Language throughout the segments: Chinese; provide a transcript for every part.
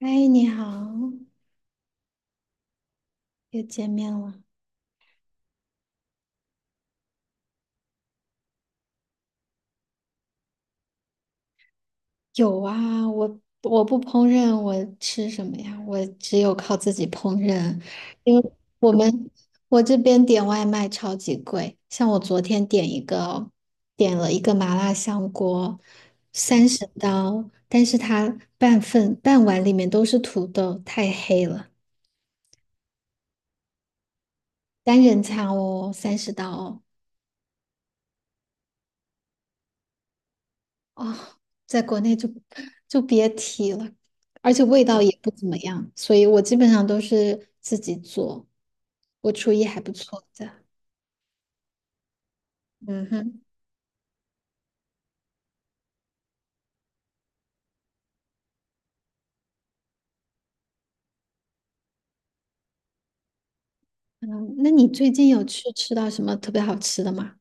哎，你好，又见面了。有啊，我不烹饪，我吃什么呀？我只有靠自己烹饪，因为我们我这边点外卖超级贵，像我昨天点一个，点了一个麻辣香锅，三十刀，但是它半份半碗里面都是土豆，太黑了。单人餐哦，三十刀哦。哦，在国内就别提了，而且味道也不怎么样，所以我基本上都是自己做，我厨艺还不错的。嗯哼。嗯，那你最近有去吃到什么特别好吃的吗？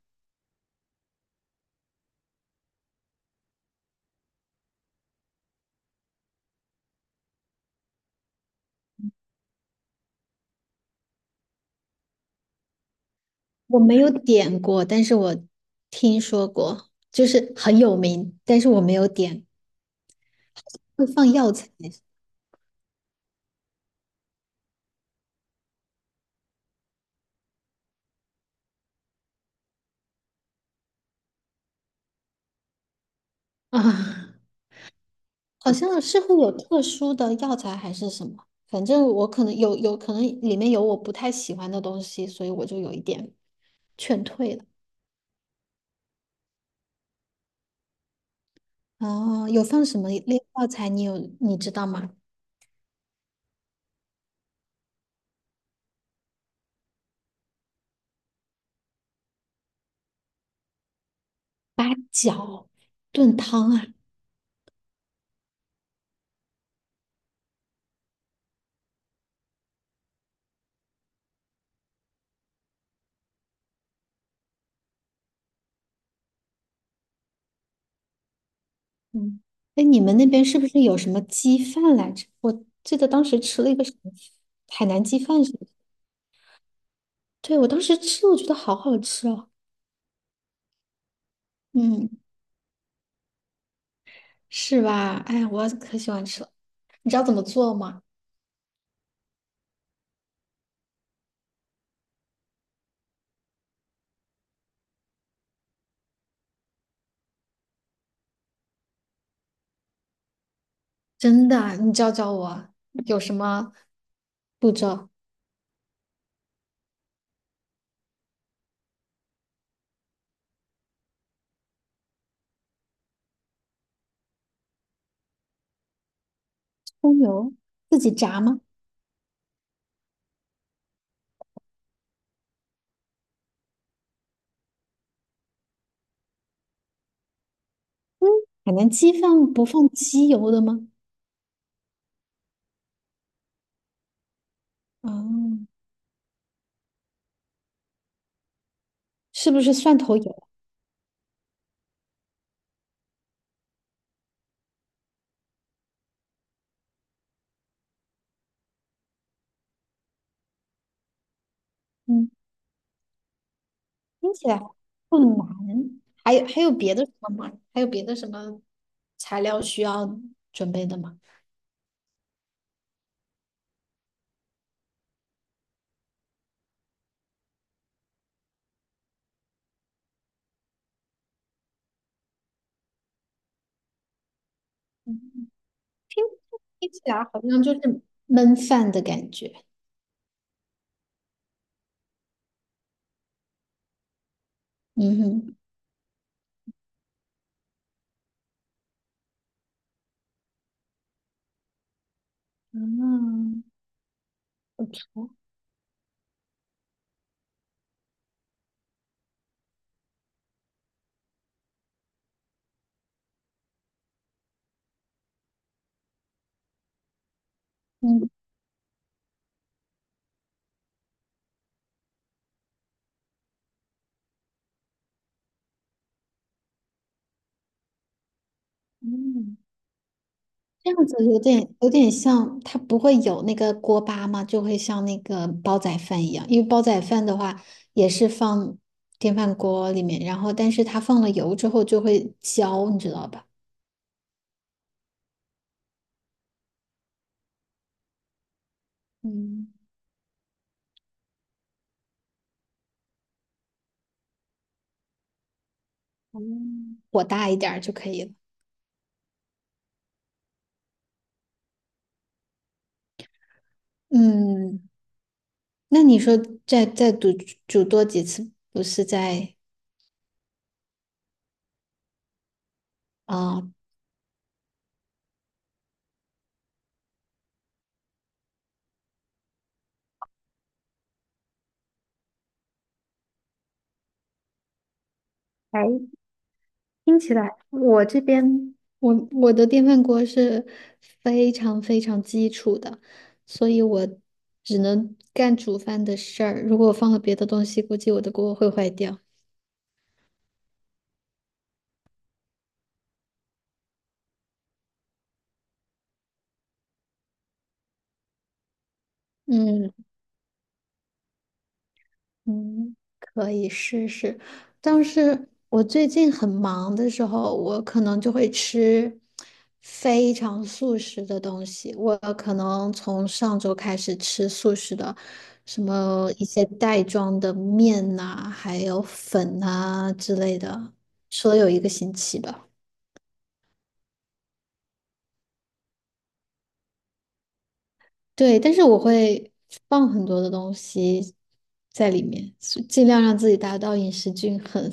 我没有点过，但是我听说过，就是很有名，但是我没有点，会放药材啊。好像是会有特殊的药材还是什么，反正我可能有可能里面有我不太喜欢的东西，所以我就有一点劝退了。哦，有放什么类药材？你知道吗？八角炖汤啊。嗯，哎，你们那边是不是有什么鸡饭来着？我记得当时吃了一个什么海南鸡饭什么，是？对，我当时吃了，我觉得好好吃哦。嗯，是吧？哎呀，我可喜欢吃了。你知道怎么做吗？真的啊，你教教我啊，有什么步骤？葱油自己炸吗？嗯，海南鸡饭不放鸡油的吗？哦，是不是蒜头油？嗯，听起来不难。还有还有别的什么吗？还有别的什么材料需要准备的吗？嗯，听听起来好像就是焖饭的感觉。嗯哼。嗯，不错。嗯。嗯，这样子有点像，它不会有那个锅巴嘛，就会像那个煲仔饭一样，因为煲仔饭的话也是放电饭锅里面，然后但是它放了油之后就会焦，你知道吧？嗯，哦，火大一点儿就可以了。嗯，那你说再煮多几次，不是在啊、呃哎，听起来我这边我的电饭锅是非常非常基础的，所以我只能干煮饭的事儿。如果我放了别的东西，估计我的锅会坏掉。嗯。嗯，可以试试，但是我最近很忙的时候，我可能就会吃非常素食的东西。我可能从上周开始吃素食的，什么一些袋装的面呐、还有粉呐、之类的，吃了有一个星期吧。对，但是我会放很多的东西在里面，尽量让自己达到饮食均衡。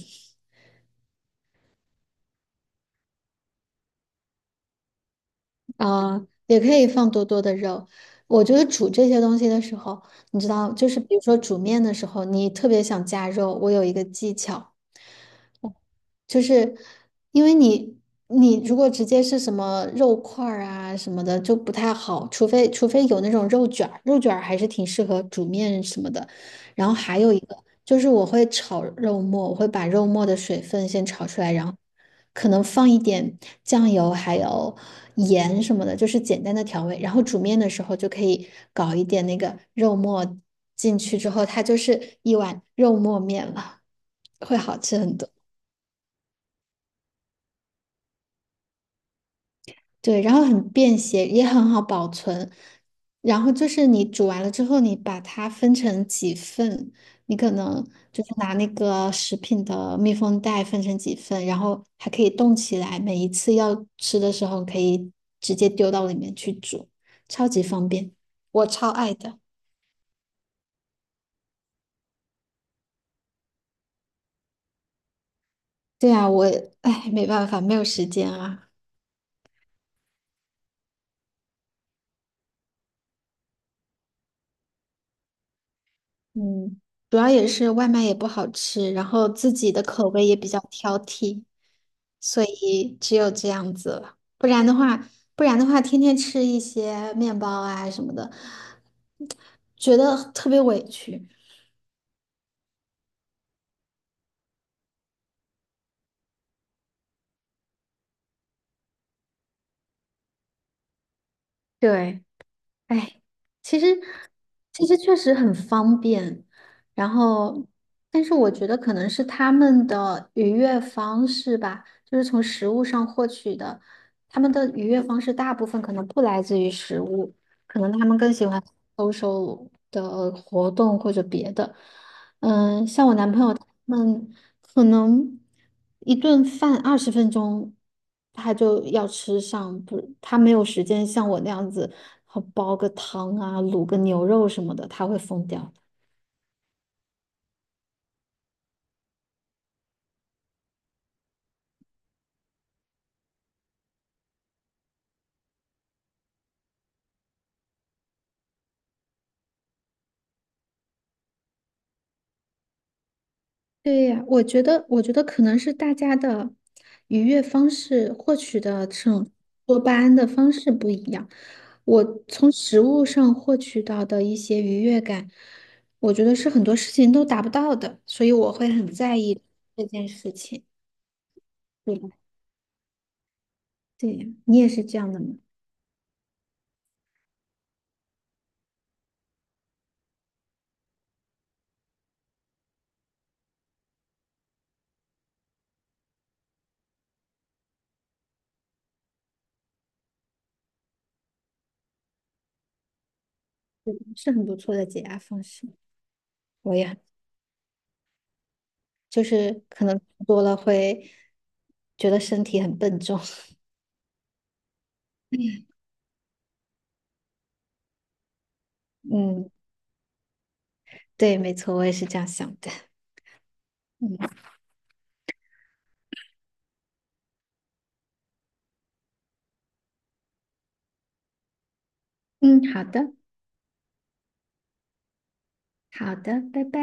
啊，也可以放多多的肉。我觉得煮这些东西的时候，你知道，就是比如说煮面的时候，你特别想加肉，我有一个技巧，就是因为你你如果直接是什么肉块儿啊什么的就不太好，除非有那种肉卷儿，肉卷儿还是挺适合煮面什么的。然后还有一个就是我会炒肉末，我会把肉末的水分先炒出来，然后可能放一点酱油还有盐什么的，就是简单的调味。然后煮面的时候就可以搞一点那个肉末进去之后，它就是一碗肉末面了，会好吃很多。对，然后很便携，也很好保存。然后就是你煮完了之后，你把它分成几份，你可能就是拿那个食品的密封袋分成几份，然后还可以冻起来，每一次要吃的时候可以直接丢到里面去煮，超级方便，我超爱的。对啊，我，哎，没办法，没有时间啊。嗯，主要也是外卖也不好吃，然后自己的口味也比较挑剔，所以只有这样子了。不然的话，不然的话，天天吃一些面包啊什么的，觉得特别委屈。对。哎，其实其实确实很方便，然后，但是我觉得可能是他们的愉悦方式吧，就是从食物上获取的，他们的愉悦方式大部分可能不来自于食物，可能他们更喜欢 SO 的活动或者别的。嗯、像我男朋友他们可能一顿饭20分钟他就要吃上，不，他没有时间像我那样子，呃煲个汤啊，卤个牛肉什么的，他会疯掉。对呀，我觉得，我觉得可能是大家的愉悦方式、获取的这种多巴胺的方式不一样。我从食物上获取到的一些愉悦感，我觉得是很多事情都达不到的，所以我会很在意这件事情。对吧？对呀，你也是这样的吗？是很不错的解压方式。我也就是可能多了会觉得身体很笨重。嗯，对，没错，我也是这样想的。嗯。嗯，好的。好的，拜拜。